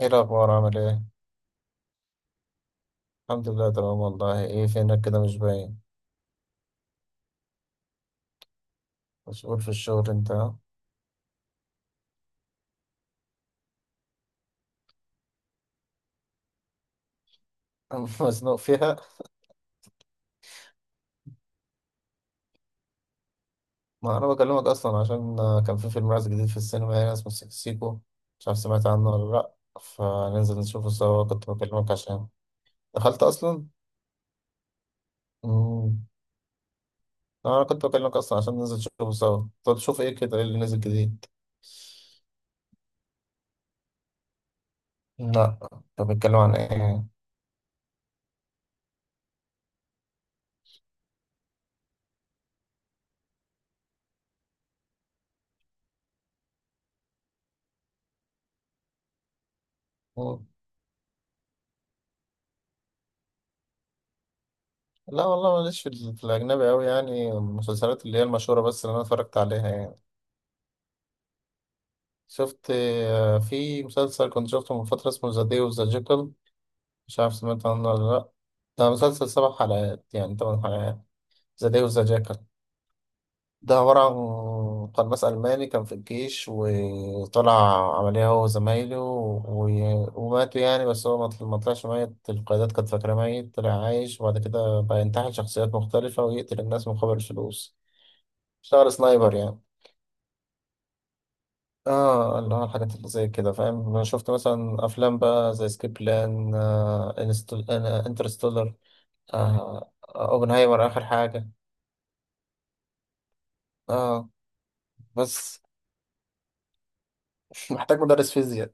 ايه الأخبار، عامل ايه؟ الحمد لله، تمام والله. ايه فينك كده، مش باين؟ مسؤول في الشغل انت، ها؟ مزنوق فيها. ما انا بكلمك اصلا عشان كان في فيلم نازل جديد في السينما هنا، اسمه سيكو سيكو. مش عارف سمعت عنه ولا لأ. فننزل نشوفه سوا، كنت بكلمك عشان... دخلت اصلا؟ مم. انا كنت بكلمك اصلا عشان ننزل نشوفه سوا. طب تشوف ايه كده، ايه اللي نزل جديد؟ لا. طب بيتكلم عن ايه؟ مم. لا، والله ماليش في في الأجنبي أوي، يعني المسلسلات اللي هي المشهورة بس اللي أنا اتفرجت عليها يعني. شفت في مسلسل كنت شفته من فترة اسمه ذا داي اوف ذا جيكل. مش عارف سمعت عنه ولا لأ. ده مسلسل 7 حلقات يعني 8 حلقات. ذا داي اوف ذا جيكل. ده عبارة عن قناص ألماني كان في الجيش وطلع عملية هو وزمايله وماتوا، يعني بس هو ما طلعش ميت، القيادات كانت فاكرة ميت، طلع عايش. وبعد كده بقى ينتحل شخصيات مختلفة ويقتل الناس مقابل الفلوس. اشتغل سنايبر يعني. اه، اللي هو الحاجات اللي زي كده فاهم. انا شفت مثلا افلام بقى زي سكيب بلان، آه إنستل... آه انترستولر، اوبنهايمر اخر حاجه. اه. بس. محتاج مدرس فيزياء.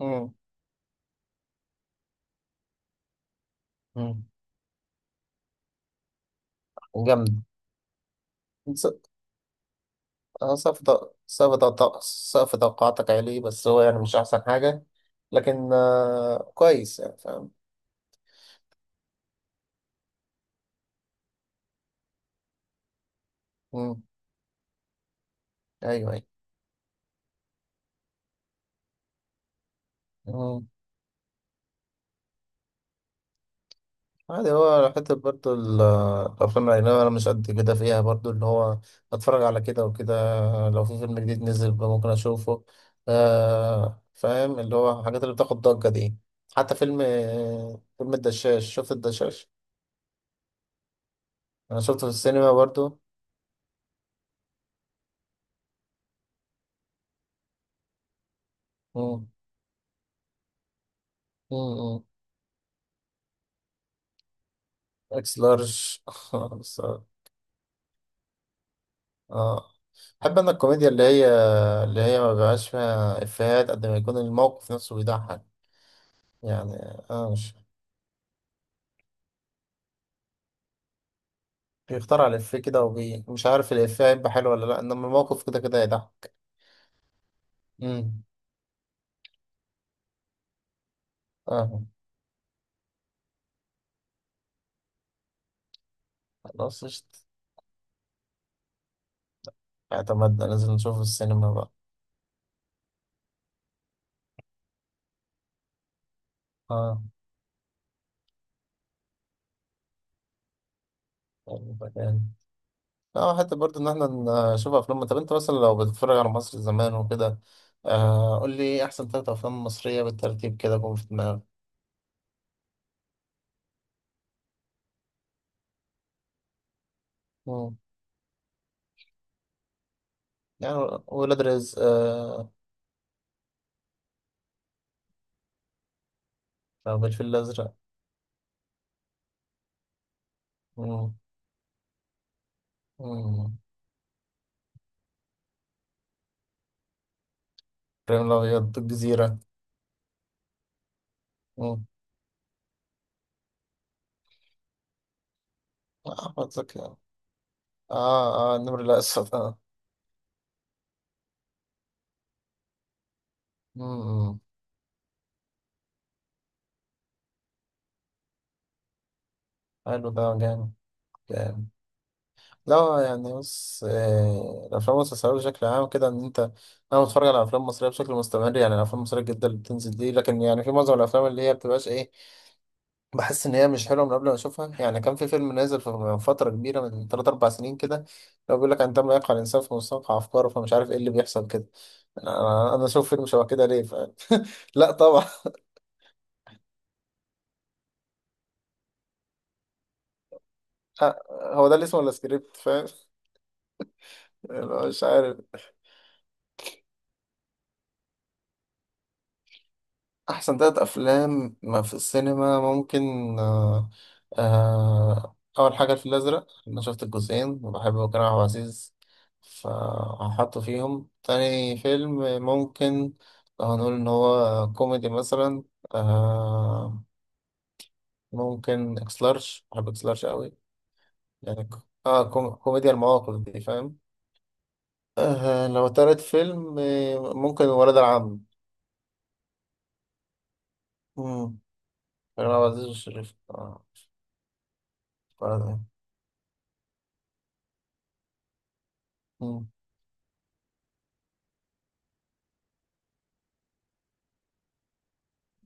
مم. مم. جامد. س- سقف توقعاتك عالي، بس هو يعني مش احسن حاجه. لكن كويس يعني فاهم. مم. ايوه. ايوه. عادي، هو حتة برضو الأفلام الأجنبية أنا مش قد كده فيها برضو، اللي هو أتفرج على كده وكده. لو في فيلم جديد نزل بقى ممكن أشوفه. آه، فاهم اللي هو الحاجات اللي بتاخد ضجة دي. حتى فيلم الدشاش، شفت الدشاش؟ أنا شفته في السينما برضو. مم، مم، مم. إكس لارج. بس- آه بحب أنا الكوميديا اللي هي اللي هي ما بيبقاش فيها إفيهات قد ما يكون الموقف نفسه بيضحك. يعني، مش بيخترع الإفيه كده مش عارف الإفيه هيبقى حلو ولا لأ، إنما الموقف كده كده هيضحك. أمم. آه. خلاص قشطة، اعتمدنا لازم نشوفه السينما بقى. آه، يبقى جامد. اه، حتى برضه إن احنا نشوف أفلام. طب أنت مثلا لو بتتفرج على مصر زمان وكده، آه قول لي إيه أحسن 3 أفلام مصرية بالترتيب كده جم في دماغك؟ أمم. يعني ولاد رزق، آه. رغم الفيل الأزرق. أمم. أمم. إبراهيم الأبيض، الجزيرة. أمم. آه، أحمد زكي، آه. آه، النمر الأسود، آه. امم. حلو، ده جامد. جامد. لا يعني بص، آه، الافلام والمسلسلات بشكل عام كده ان انت... انا بتفرج على افلام مصريه بشكل مستمر، يعني الافلام المصريه الجديده اللي بتنزل دي، لكن يعني في معظم الافلام اللي هي بتبقاش ايه، بحس ان هي مش حلوه من قبل ما اشوفها يعني. كان في فيلم نازل من فتره كبيره، من 3 4 سنين كده، لو بيقول لك عندما يقع الانسان في مستنقع افكاره، فمش عارف ايه اللي بيحصل كده. انا اشوف فيلم شبه كده ليه ف... لا طبعا. آه، هو ده اللي اسمه ولا سكريبت فاهم. مش عارف. احسن 3 افلام ما في السينما ممكن... آه. آه، اول حاجه الفيل الازرق، انا شفت الجزئين وبحب كريم عبد العزيز فهحطه فيهم. تاني فيلم ممكن، لو هنقول ان هو كوميدي مثلا، آه، ممكن اكس لارج، بحب اكس لارج قوي، يعني كوميديا المواقف دي فاهم. آه، لو تالت فيلم، آه، ممكن ولاد العم. مم. كريم عبد العزيز والشريف، اه. ولاد العم.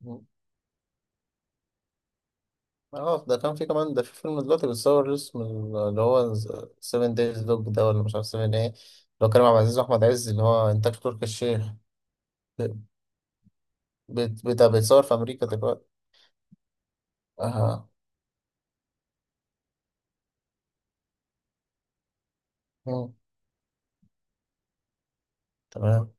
مم. اه، ده كان في كمان، ده في فيلم دلوقتي بيتصور اسمه اللي هو 7 دايز دوج، ده، ولا مش عارف 7 ايه، اللي هو كريم عبد العزيز واحمد عز، اللي هو انتاج تركي الشيخ. بيت- بيتصور في امريكا دلوقتي. اه. تمام. تمام.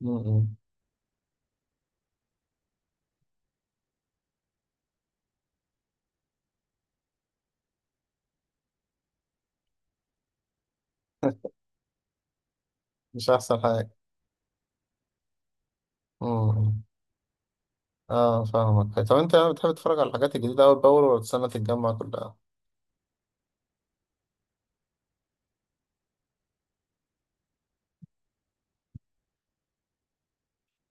م- م. مش احسن حاجه. م- م. اه فاهمك. طب انت بتحب تتفرج على الحاجات الجديده اول باول ولا تستنى تتجمع كلها؟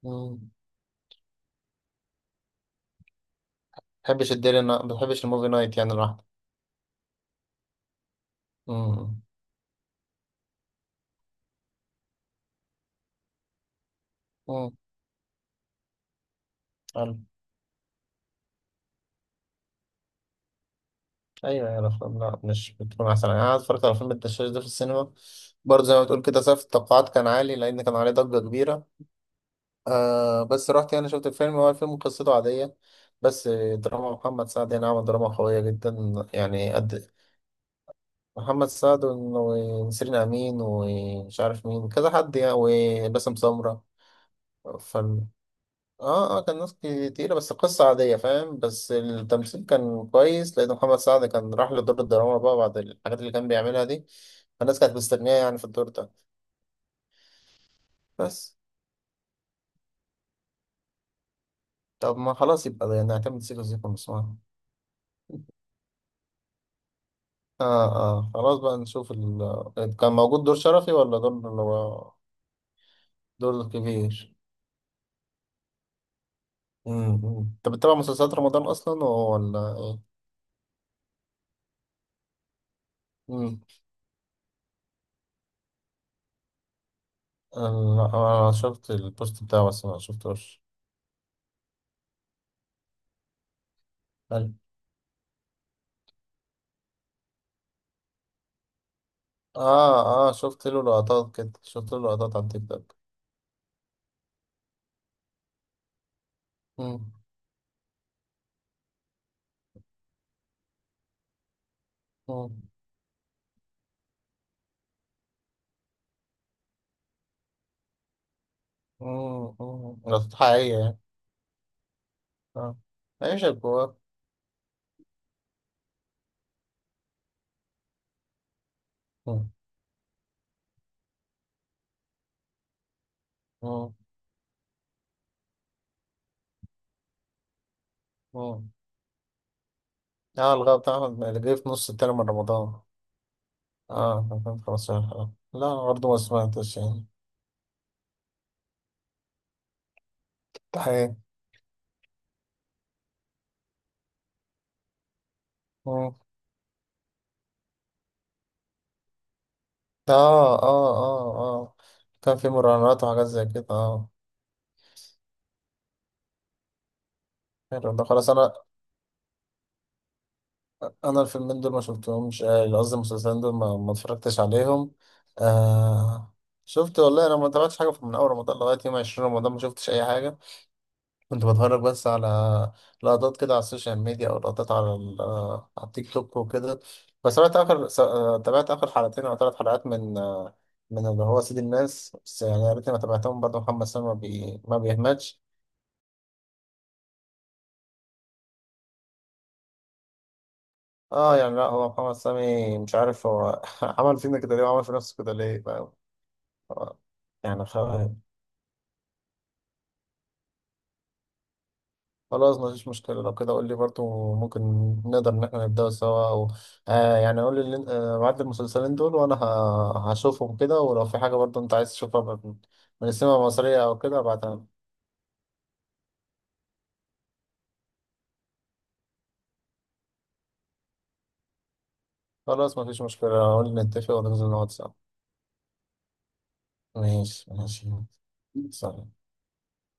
ما بتحبش الديلي، ما بتحبش الموفي نايت يعني لوحدك. م- م. حلو. ايوه، يعني الافلام لا مش بتكون احسن يعني. انا اتفرجت على فيلم الدشاش ده في السينما، برضه زي ما بتقول كده سقف التوقعات كان عالي لان كان عليه ضجه كبيره. آه، بس رحت يعني شفت الفيلم، هو الفيلم قصته عاديه بس. دراما محمد سعد يعني عمل دراما قويه جدا، يعني قد... محمد سعد ونسرين امين ومش عارف مين، كذا حد يعني، وباسم سمره. اه، اه، كان ناس كتيرة بس قصة عادية فاهم، بس التمثيل كان كويس لأن محمد سعد كان راح لدور الدراما بقى بعد الحاجات اللي كان بيعملها دي، فالناس كانت مستنياه يعني في الدور ده. بس. طب ما خلاص يبقى ده يعني، نعتمد سيكو سيكو مسمار. اه، اه، خلاص بقى نشوف ال... آه، كان موجود دور شرفي ولا دور اللي هو دور كبير؟ امم. انت بتتابع مسلسلات رمضان أصلا ولا ايه؟ امم. انا شفت البوست بتاعه بس ما شفتوش. اه، اه، شفت له لقطات كده، شفت له لقطات على التيك توك. مم، مم، مم، مم. لقطات حقيقية يعني. اه. عيش الكوار. مم، مم، مم. اه، الغاء بتاع احمد اللي جه في نص التاني من رمضان. اه، 2015 حلقة. لا، أنا برضه ما سمعتش يعني. ده حقيقي. مم. اه، اه، اه، اه، كان في مراهنات وحاجات زي كده، اه. حلو، ده خلاص. انا الفيلمين دول ما شفتهمش، آه، قصدي المسلسلين دول ما اتفرجتش عليهم. آه، شفت والله انا ما تابعتش حاجه من اول رمضان لغايه يوم 20 رمضان، ما شفتش اي حاجه، كنت بتفرج بس على لقطات كده على السوشيال ميديا، او لقطات على ال- آه، على التيك توك وكده. بس تابعت اخر حلقتين او 3 حلقات من اللي هو سيد الناس، بس يعني يا ريتني ما تابعتهم، برضه محمد سامي ما بيهملش. اه يعني، لا، هو محمد سامي مش عارف هو عمل فينا كده ليه وعمل في نفسه كده ليه؟ آه. يعني خلاص مفيش مشكلة لو كده، قول لي برضو ممكن نقدر إن احنا نبدأ سوا، أو آه يعني قول لي بعد المسلسلين دول وأنا هشوفهم كده، ولو في حاجة برضو أنت عايز تشوفها من السينما المصرية أو كده بعدها. خلاص مفيش مشكلة، قول لي نتفق وننزل نقعد سوا. ماشي ماشي. سلام.